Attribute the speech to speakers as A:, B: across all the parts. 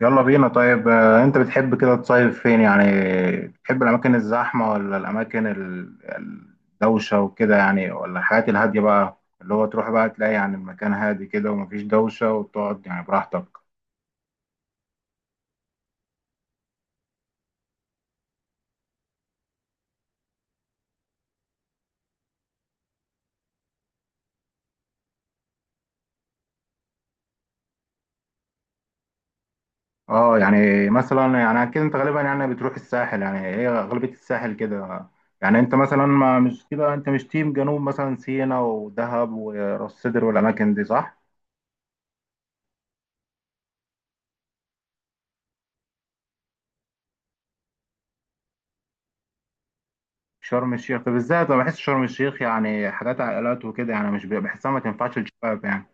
A: يلا بينا طيب، انت بتحب كده تصيف فين يعني؟ بتحب الاماكن الزحمه ولا الاماكن الدوشه وكده يعني، ولا الحاجات الهاديه بقى، اللي هو تروح بقى تلاقي يعني المكان هادي كده ومفيش دوشه، وتقعد يعني براحتك. اه، يعني مثلا يعني اكيد انت غالبا يعني بتروح الساحل، يعني هي غالبيه الساحل كده. يعني انت مثلا ما مش كده، انت مش تيم جنوب، مثلا سينا ودهب وراس سدر والاماكن دي، صح؟ شرم الشيخ بالذات انا بحس شرم الشيخ يعني حاجات عائلات وكده، يعني مش بحسها ما تنفعش للشباب يعني.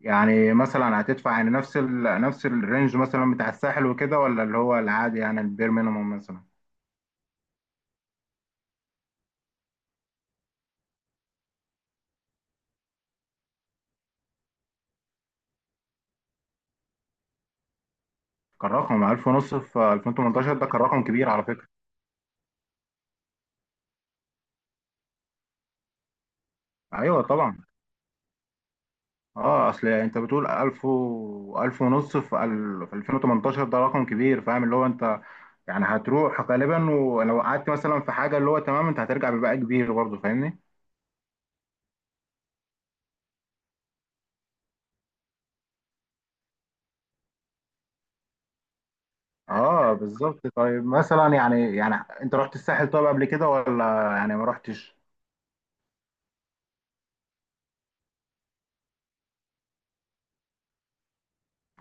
A: يعني مثلا هتدفع يعني نفس الرينج مثلا بتاع الساحل وكده، ولا اللي هو العادي يعني البير مينيموم مثلا؟ كان رقم 1000 ونص في 2018، ده كان رقم كبير على فكرة. ايوه طبعا. اه، اصل انت بتقول 1000 و 1000 ونص في في 2018، ده رقم كبير، فاهم؟ اللي هو انت يعني هتروح غالبا، ولو قعدت مثلا في حاجة اللي هو تمام انت هترجع بباقي كبير برضه، فاهمني؟ اه بالظبط. طيب مثلا يعني انت رحت الساحل طيب قبل كده ولا يعني ما رحتش؟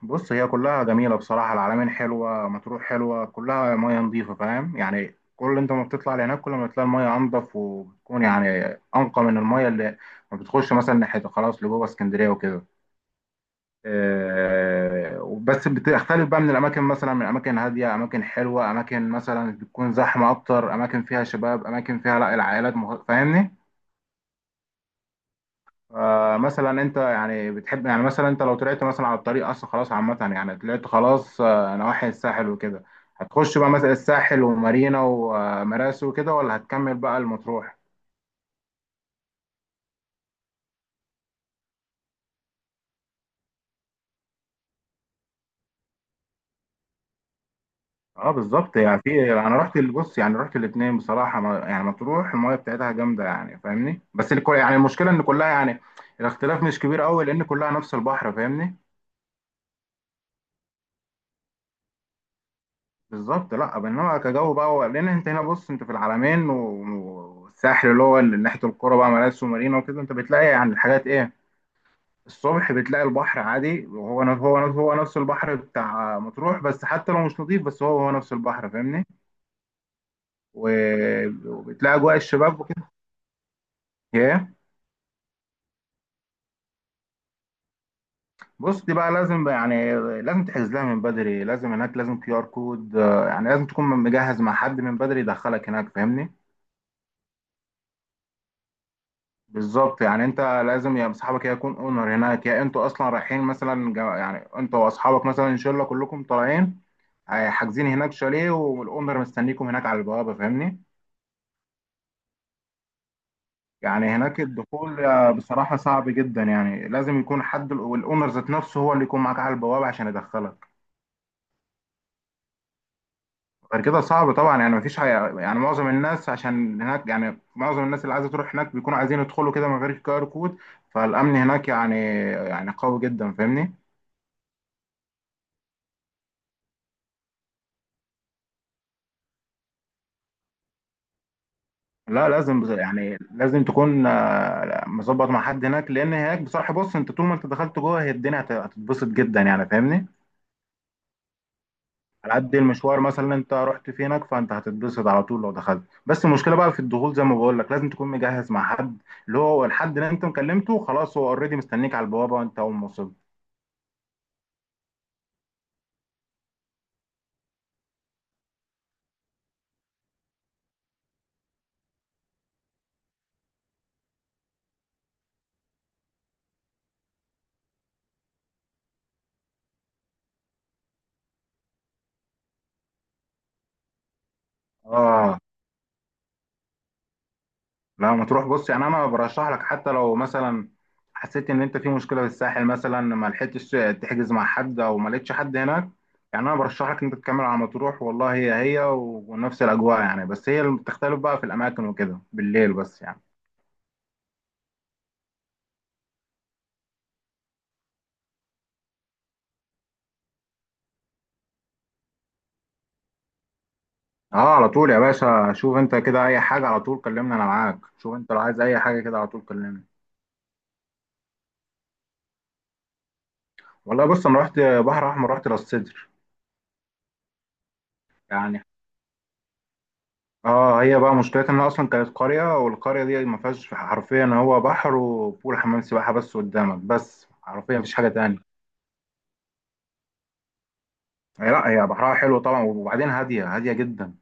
A: بص هي كلها جميله بصراحه، العلمين حلوه، مطروح حلوه، كلها ميه نظيفه فاهم، يعني كل انت ما بتطلع لهناك كل ما تلاقي الميه انضف، وبتكون يعني انقى من الميه اللي ما بتخش مثلا ناحيه، خلاص لجوه اسكندريه وكده. آه بس بتختلف بقى من الاماكن، مثلا من اماكن هاديه، اماكن حلوه، اماكن مثلا بتكون زحمه اكتر، اماكن فيها شباب، اماكن فيها لا العائلات فاهمني؟ مثلا انت يعني بتحب، يعني مثلا انت لو طلعت مثلا على الطريق اصلا خلاص عامة، يعني طلعت خلاص نواحي الساحل وكده، هتخش بقى مثلا الساحل ومارينا ومراسي وكده، ولا هتكمل بقى المطروح؟ اه بالظبط. يعني في انا بص يعني رحت الاثنين بصراحة، ما يعني مطروح المايه بتاعتها جامدة يعني، فاهمني؟ بس الكل يعني المشكلة ان كلها يعني الاختلاف مش كبير قوي، لان كلها نفس البحر، فاهمني؟ بالظبط. لا انما كجو بقى لان انت هنا بص، انت في العلمين والساحل اللي هو اللي ناحيه القرى بقى، مراسي ومارينا وكده، انت بتلاقي يعني الحاجات ايه. الصبح بتلاقي البحر عادي وهو ن- هو ن- هو نفس البحر بتاع مطروح، بس حتى لو مش نظيف بس هو نفس البحر، فاهمني. وبتلاقي اجواء الشباب وكده. ايه. بص دي بقى لازم بقى يعني، لازم تحجز لها من بدري، لازم هناك لازم QR كود، يعني لازم تكون مجهز مع حد من بدري يدخلك هناك، فاهمني. بالظبط، يعني انت لازم يا صاحبك يا يكون اونر هناك، يا انتوا اصلا رايحين مثلا يعني انتوا واصحابك مثلا ان شاء الله كلكم طالعين، حاجزين هناك شاليه، والاونر مستنيكم هناك على البوابه، فاهمني. يعني هناك الدخول بصراحه صعب جدا، يعني لازم يكون حد والاونر ذات نفسه هو اللي يكون معاك على البوابه عشان يدخلك. غير كده صعب طبعا، يعني مفيش حاجة، يعني معظم الناس عشان هناك، يعني معظم الناس اللي عايزه تروح هناك بيكونوا عايزين يدخلوا كده من غير كار كود، فالامن هناك يعني، يعني قوي جدا، فاهمني. لا لازم يعني لازم تكون مظبط مع حد هناك، لان هناك بصراحه بص، انت طول ما انت دخلت جوه هي الدنيا هتتبسط جدا يعني، فاهمني. على قد المشوار مثلا انت رحت في هناك، فانت هتتبسط على طول لو دخلت، بس المشكله بقى في الدخول زي ما بقول لك لازم تكون مجهز مع حد، اللي هو الحد اللي انت مكلمته خلاص هو اوريدي مستنيك على البوابه وانت اول ما وصلت. اه لا ما تروح، بص يعني انا برشح لك، حتى لو مثلا حسيت ان انت في مشكله في الساحل مثلا، ما لحقتش تحجز مع حد او ما لقيتش حد هناك، يعني انا برشح لك ان انت تكمل على مطروح، والله هي و- ونفس الاجواء يعني، بس هي اللي بتختلف بقى في الاماكن وكده بالليل بس يعني. اه، على طول يا باشا، شوف انت كده اي حاجه على طول كلمني انا معاك، شوف انت لو عايز اي حاجه كده على طول كلمني. والله بص انا رحت بحر احمر، رحت راس سدر يعني. اه هي بقى مشكلتها انها اصلا كانت قريه، والقريه دي ما فيهاش حرفيا، هو بحر وبول حمام سباحه بس قدامك بس، حرفيا مفيش حاجه تانية. هي لا، هي بحرها حلو طبعا، وبعدين هاديه هاديه جدا.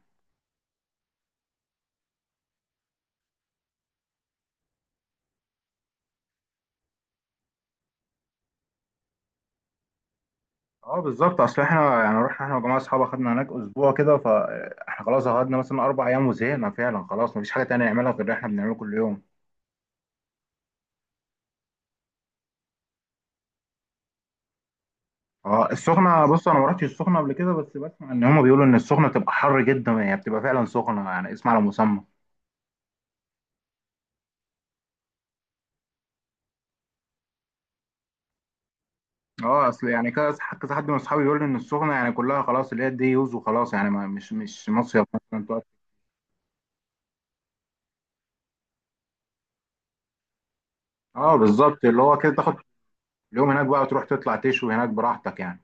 A: اه بالظبط، اصل احنا يعني رحنا احنا وجماعه اصحاب، اخدنا هناك اسبوع كده، فاحنا خلاص قعدنا مثلا اربع ايام وزهقنا فعلا، خلاص مفيش حاجه تانية نعملها غير اللي احنا بنعمله كل يوم. اه السخنه، بص انا ما رحتش السخنه قبل كده، بس بسمع ان هم بيقولوا ان السخنه بتبقى حر جدا، يعني بتبقى فعلا سخنه، يعني اسمع على مسمى. اه اصل يعني كذا كذا حد من اصحابي بيقول لي ان السخنه يعني كلها خلاص اللي هي دي يوز وخلاص، يعني ما مش مصيف مثلا تقعد. اه بالظبط، اللي هو كده تاخد اليوم هناك بقى وتروح تطلع تشوي هناك براحتك يعني.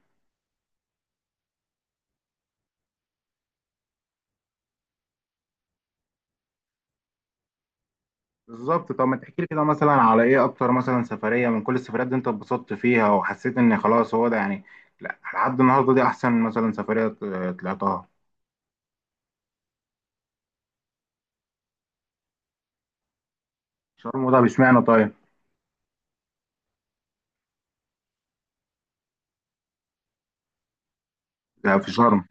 A: بالظبط. طب ما تحكي لي كده مثلا على ايه اكتر مثلا سفريه من كل السفريات دي انت اتبسطت فيها وحسيت ان خلاص هو ده يعني، لا لحد النهارده دي احسن مثلا سفريه طلعتها؟ شرم، ده اشمعنى طيب؟ ده في شرم.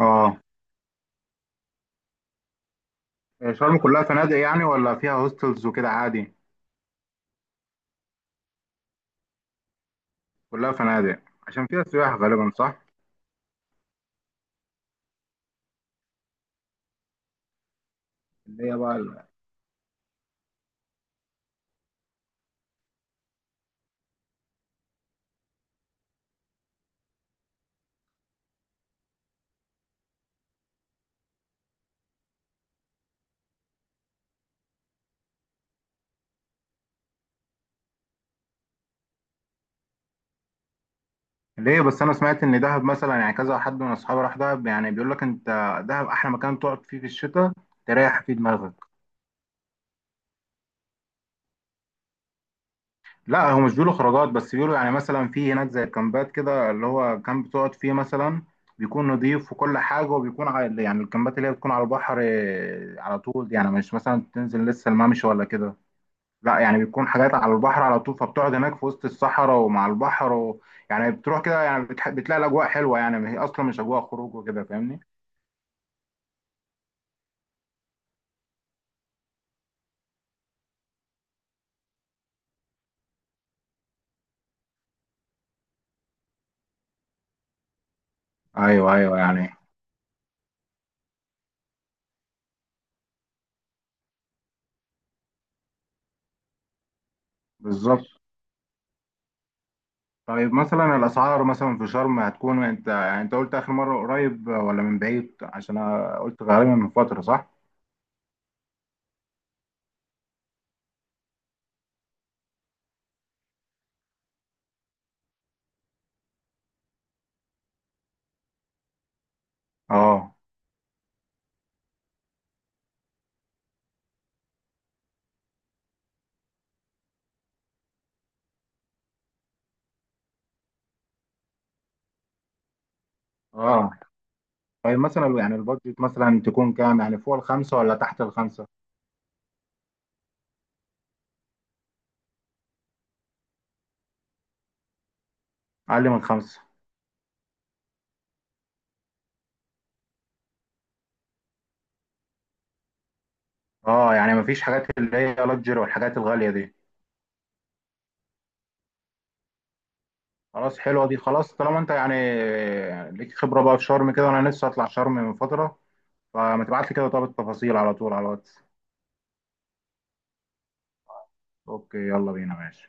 A: اه. آه، شرم كلها فنادق يعني، ولا فيها هوستلز وكده عادي؟ كلها فنادق، عشان فيها سياح غالبا، صح؟ اللي هي بقى. ليه بس، انا سمعت ان دهب مثلا، يعني كذا حد من اصحابي راح دهب يعني بيقول لك انت دهب احلى مكان تقعد فيه في الشتاء، تريح فيه دماغك. لا هو مش بيقولوا خروجات، بس بيقولوا يعني مثلا في هناك زي الكامبات كده، اللي هو كامب بتقعد فيه مثلا بيكون نضيف وكل حاجه، وبيكون على يعني الكامبات اللي هي بتكون على البحر على طول، يعني مش مثلا تنزل لسه الممشى ولا كده، لا يعني بيكون حاجات على البحر على طول، فبتقعد هناك في وسط الصحراء ومع البحر يعني بتروح كده، يعني بتلاقي الاجواء حلوه، يعني هي اصلا مش اجواء خروج وكده، فاهمني. ايوه ايوه، يعني. بالظبط. طيب مثلا الاسعار مثلا في شرم هتكون، انت يعني انت قلت اخر مره قريب ولا من بعيد؟ عشان انا قلت غالبا من فتره، صح؟ اه. اه طيب مثلا يعني البادجت مثلا تكون كام؟ يعني فوق الخمسه ولا تحت الخمسه؟ اقل من خمسه؟ اه يعني مفيش حاجات اللي هي لاكجري والحاجات الغاليه دي. خلاص حلوه دي، خلاص طالما انت يعني ليك خبره بقى في شرم كده، وانا لسه اطلع شرم من فتره، فما تبعت لي كده طب التفاصيل على طول على الواتس. اوكي يلا بينا ماشي.